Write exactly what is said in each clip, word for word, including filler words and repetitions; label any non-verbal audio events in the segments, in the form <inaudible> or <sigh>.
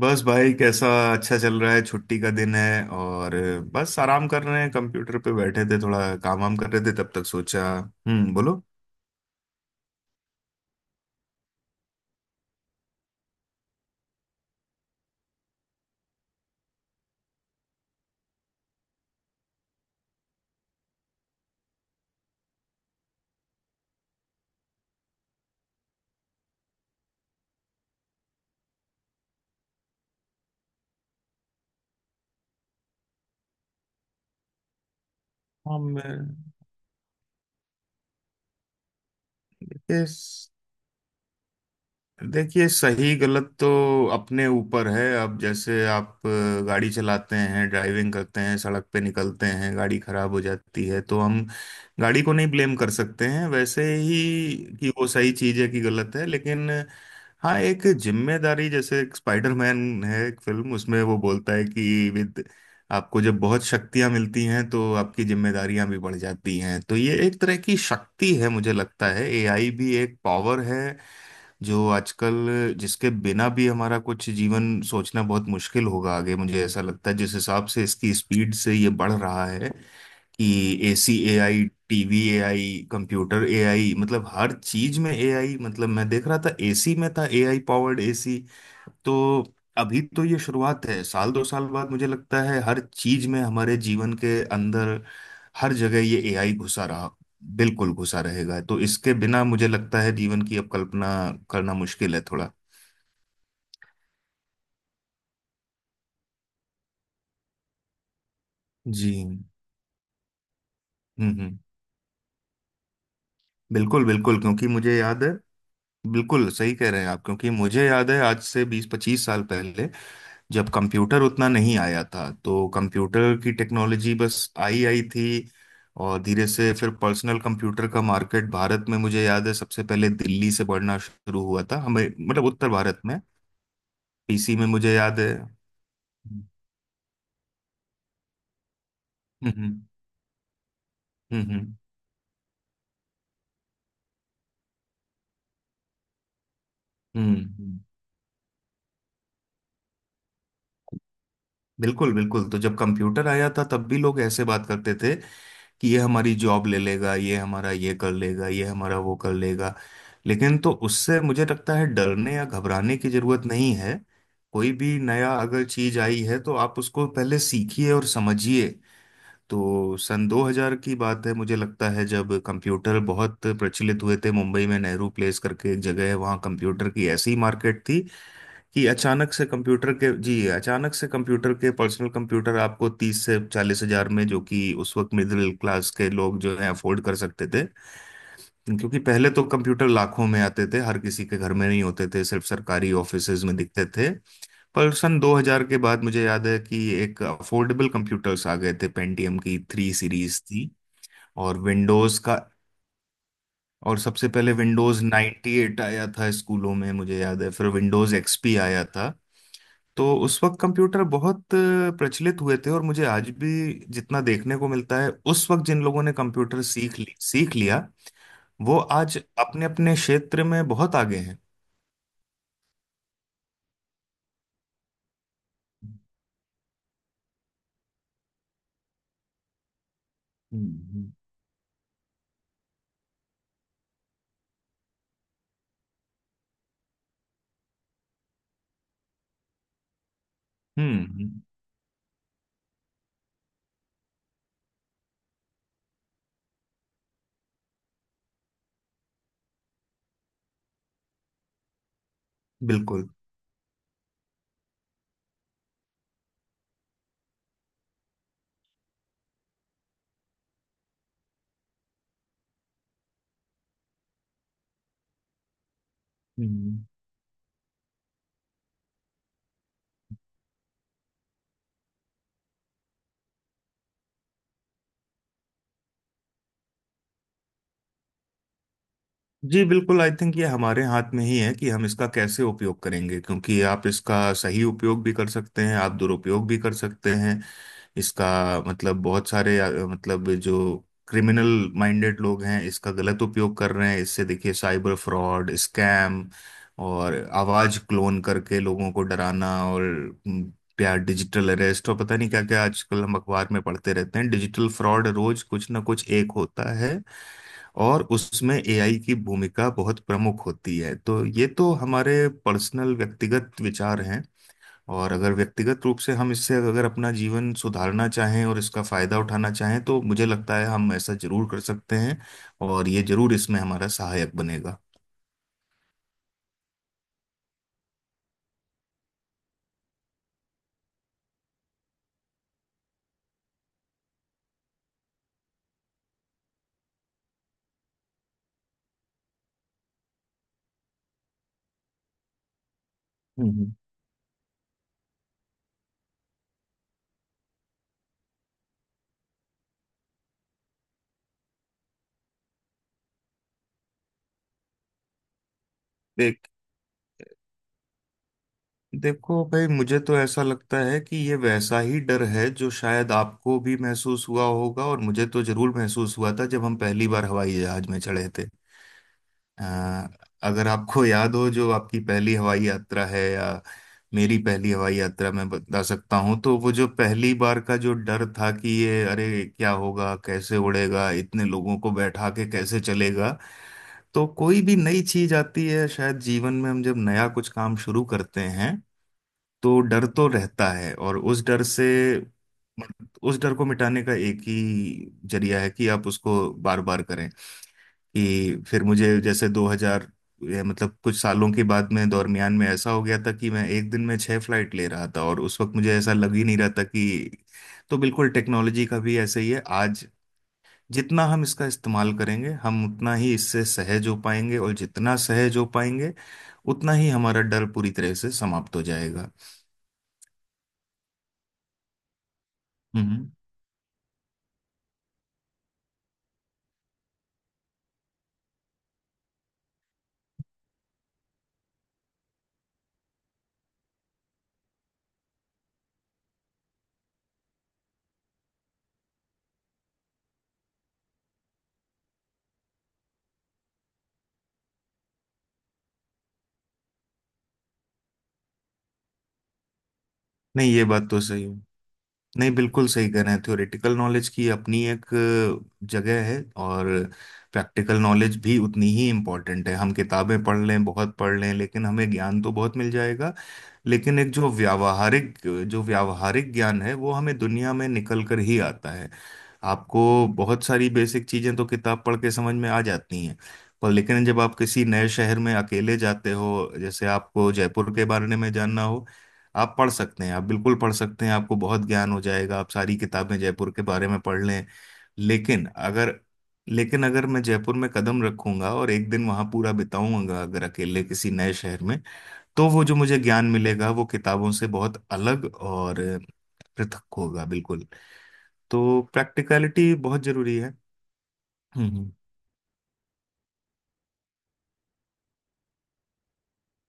बस भाई कैसा। अच्छा चल रहा है, छुट्टी का दिन है और बस आराम कर रहे हैं। कंप्यूटर पे बैठे थे, थोड़ा काम वाम कर रहे थे, तब तक सोचा हम्म बोलो। हम देखिए देखिए, सही गलत तो अपने ऊपर है। अब जैसे आप अ, गाड़ी चलाते हैं, ड्राइविंग करते हैं, सड़क पे निकलते हैं, गाड़ी खराब हो जाती है तो हम गाड़ी को नहीं ब्लेम कर सकते हैं। वैसे ही कि वो सही चीज़ है कि गलत है, लेकिन हाँ एक जिम्मेदारी। जैसे एक स्पाइडरमैन है, एक फिल्म, उसमें वो बोलता है कि विद, आपको जब बहुत शक्तियां मिलती हैं तो आपकी जिम्मेदारियां भी बढ़ जाती हैं। तो ये एक तरह की शक्ति है, मुझे लगता है एआई भी एक पावर है, जो आजकल जिसके बिना भी हमारा कुछ जीवन सोचना बहुत मुश्किल होगा आगे, मुझे ऐसा लगता है, जिस हिसाब से इसकी स्पीड से ये बढ़ रहा है। कि AC AI, TV AI, computer AI, मतलब हर चीज में एआई। मतलब मैं देख रहा था, एसी में था एआई पावर्ड एसी। तो अभी तो ये शुरुआत है, साल दो साल बाद मुझे लगता है हर चीज में, हमारे जीवन के अंदर हर जगह ये एआई घुसा रहा, बिल्कुल घुसा रहेगा। तो इसके बिना मुझे लगता है जीवन की अब कल्पना करना मुश्किल है थोड़ा। जी, हम्म हम्म, बिल्कुल बिल्कुल, क्योंकि मुझे याद है। बिल्कुल सही कह रहे हैं आप, क्योंकि मुझे याद है आज से बीस पच्चीस साल पहले जब कंप्यूटर उतना नहीं आया था तो कंप्यूटर की टेक्नोलॉजी बस आई आई थी। और धीरे से फिर पर्सनल कंप्यूटर का मार्केट भारत में, मुझे याद है, सबसे पहले दिल्ली से बढ़ना शुरू हुआ था हमें, मतलब उत्तर भारत में। पीसी में मुझे याद है। हम्म हम्म। हम्म। हम्म, हम्म। हम्म, बिल्कुल बिल्कुल। तो जब कंप्यूटर आया था तब भी लोग ऐसे बात करते थे कि ये हमारी जॉब ले लेगा, ये हमारा ये कर लेगा, ये हमारा वो कर लेगा। लेकिन तो उससे मुझे लगता है डरने या घबराने की जरूरत नहीं है। कोई भी नया अगर चीज आई है तो आप उसको पहले सीखिए और समझिए। तो सन दो हज़ार की बात है, मुझे लगता है, जब कंप्यूटर बहुत प्रचलित हुए थे, मुंबई में नेहरू प्लेस करके एक जगह है, वहाँ कंप्यूटर की ऐसी मार्केट थी कि अचानक से कंप्यूटर के जी अचानक से कंप्यूटर के पर्सनल कंप्यूटर आपको तीस से चालीस हजार में, जो कि उस वक्त मिडिल क्लास के लोग जो है अफोर्ड कर सकते थे। क्योंकि पहले तो कंप्यूटर लाखों में आते थे, हर किसी के घर में नहीं होते थे, सिर्फ सरकारी ऑफिसेज में दिखते थे। पर सन दो हज़ार के बाद मुझे याद है कि एक अफोर्डेबल कंप्यूटर्स आ गए थे, पेंटियम की थ्री सीरीज थी। और विंडोज का, और सबसे पहले विंडोज नाइन्टी एट आया था स्कूलों में, मुझे याद है, फिर विंडोज एक्सपी आया था। तो उस वक्त कंप्यूटर बहुत प्रचलित हुए थे, और मुझे आज भी जितना देखने को मिलता है, उस वक्त जिन लोगों ने कंप्यूटर सीख ली सीख लिया वो आज अपने अपने क्षेत्र में बहुत आगे हैं। हम्म हम्म, हम्म, बिल्कुल। जी बिल्कुल, आई थिंक ये हमारे हाथ में ही है कि हम इसका कैसे उपयोग करेंगे, क्योंकि आप इसका सही उपयोग भी कर सकते हैं, आप दुरुपयोग भी कर सकते हैं इसका। मतलब बहुत सारे अ, मतलब जो क्रिमिनल माइंडेड लोग हैं इसका गलत उपयोग कर रहे हैं, इससे देखिए साइबर फ्रॉड, स्कैम और आवाज क्लोन करके लोगों को डराना, और हम्म, या डिजिटल अरेस्ट और पता नहीं क्या क्या आजकल हम अखबार में पढ़ते रहते हैं, डिजिटल फ्रॉड रोज कुछ ना कुछ एक होता है। और उसमें एआई की भूमिका बहुत प्रमुख होती है। तो ये तो हमारे पर्सनल व्यक्तिगत विचार हैं, और अगर व्यक्तिगत रूप से हम इससे, अगर अपना जीवन सुधारना चाहें और इसका फायदा उठाना चाहें, तो मुझे लगता है हम ऐसा जरूर कर सकते हैं, और ये जरूर इसमें हमारा सहायक बनेगा। हम्म। देख देखो भाई, मुझे तो ऐसा लगता है कि ये वैसा ही डर है जो शायद आपको भी महसूस हुआ होगा, और मुझे तो जरूर महसूस हुआ था जब हम पहली बार हवाई जहाज में चढ़े थे। अ, अगर आपको याद हो जो आपकी पहली हवाई यात्रा है, या मेरी पहली हवाई यात्रा मैं बता सकता हूँ, तो वो जो पहली बार का जो डर था कि ये, अरे क्या होगा, कैसे उड़ेगा, इतने लोगों को बैठा के कैसे चलेगा। तो कोई भी नई चीज आती है, शायद जीवन में हम जब नया कुछ काम शुरू करते हैं तो डर तो रहता है, और उस डर से, उस डर को मिटाने का एक ही जरिया है कि आप उसको बार बार करें। कि फिर मुझे जैसे दो हज़ार, ये मतलब कुछ सालों के बाद में, दरमियान में, ऐसा हो गया था कि मैं एक दिन में छह फ्लाइट ले रहा था, और उस वक्त मुझे ऐसा लग ही नहीं रहा था कि। तो बिल्कुल टेक्नोलॉजी का भी ऐसे ही है। आज जितना हम इसका इस्तेमाल करेंगे हम उतना ही इससे सहज हो पाएंगे, और जितना सहज हो पाएंगे उतना ही हमारा डर पूरी तरह से समाप्त हो जाएगा। हम्म। नहीं, ये बात तो सही है। नहीं, बिल्कुल सही कह रहे हैं, थ्योरेटिकल नॉलेज की अपनी एक अ, जगह है, और प्रैक्टिकल नॉलेज भी उतनी ही इम्पोर्टेंट है। हम किताबें पढ़ लें, बहुत पढ़ लें, लेकिन हमें ज्ञान तो बहुत मिल जाएगा, लेकिन एक जो व्यावहारिक, जो व्यावहारिक ज्ञान है वो हमें दुनिया में निकल कर ही आता है। आपको बहुत सारी बेसिक चीजें तो किताब पढ़ के समझ में आ जाती हैं। पर लेकिन जब आप किसी नए शहर में अकेले जाते हो, जैसे आपको जयपुर के बारे में जानना हो, आप पढ़ सकते हैं, आप बिल्कुल पढ़ सकते हैं, आपको बहुत ज्ञान हो जाएगा, आप सारी किताबें जयपुर के बारे में पढ़ लें। लेकिन अगर लेकिन अगर मैं जयपुर में कदम रखूंगा और एक दिन वहां पूरा बिताऊंगा, अगर अकेले किसी नए शहर में, तो वो जो मुझे ज्ञान मिलेगा वो किताबों से बहुत अलग और पृथक होगा, बिल्कुल। तो प्रैक्टिकलिटी बहुत जरूरी है। हम्म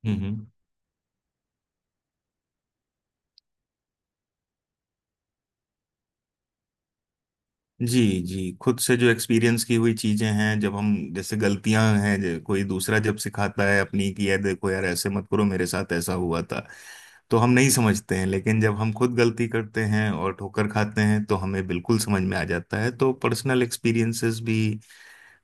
हम्म हम्म। जी जी, खुद से जो एक्सपीरियंस की हुई चीजें हैं, जब हम, जैसे गलतियां हैं, जे- कोई दूसरा जब सिखाता है अपनी कि यार देखो यार ऐसे मत करो मेरे साथ ऐसा हुआ था, तो हम नहीं समझते हैं, लेकिन जब हम खुद गलती करते हैं और ठोकर खाते हैं तो हमें बिल्कुल समझ में आ जाता है। तो पर्सनल एक्सपीरियंसेस भी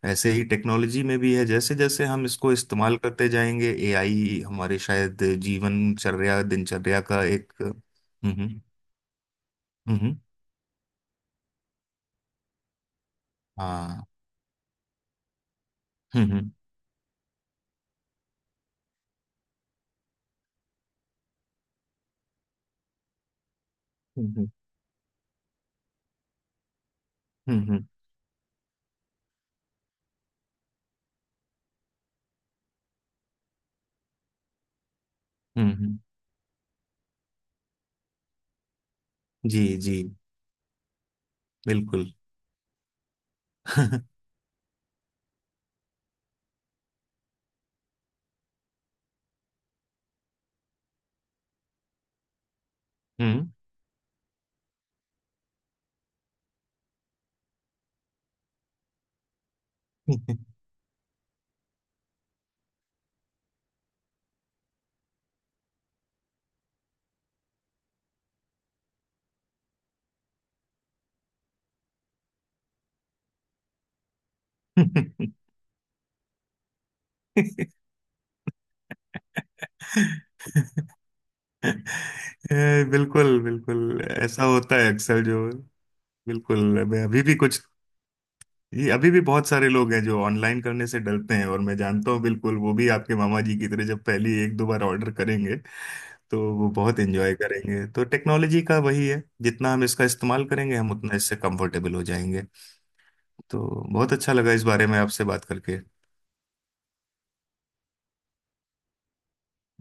ऐसे ही टेक्नोलॉजी में भी है, जैसे जैसे हम इसको इस्तेमाल करते जाएंगे एआई हमारे शायद जीवनचर्या दिनचर्या का एक। हम्म हम्म, हम्म, हाँ, हम्म हम्म, हम्म हम्म, हम्म हम्म हम्म। जी जी, बिल्कुल। <laughs> हम्म। ए, बिल्कुल बिल्कुल ऐसा होता है अक्सर जो, बिल्कुल। मैं अभी भी कुछ, ये अभी भी बहुत सारे लोग हैं जो ऑनलाइन करने से डरते हैं, और मैं जानता हूँ बिल्कुल वो भी आपके मामा जी की तरह जब पहली एक दो बार ऑर्डर करेंगे तो वो बहुत एंजॉय करेंगे। तो टेक्नोलॉजी का वही है, जितना हम इसका इस्तेमाल करेंगे हम उतना इससे कंफर्टेबल हो जाएंगे। तो बहुत अच्छा लगा इस बारे में आपसे बात करके।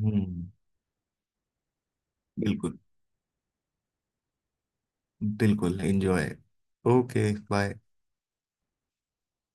हम्म, बिल्कुल। बिल्कुल एंजॉय। Okay bye.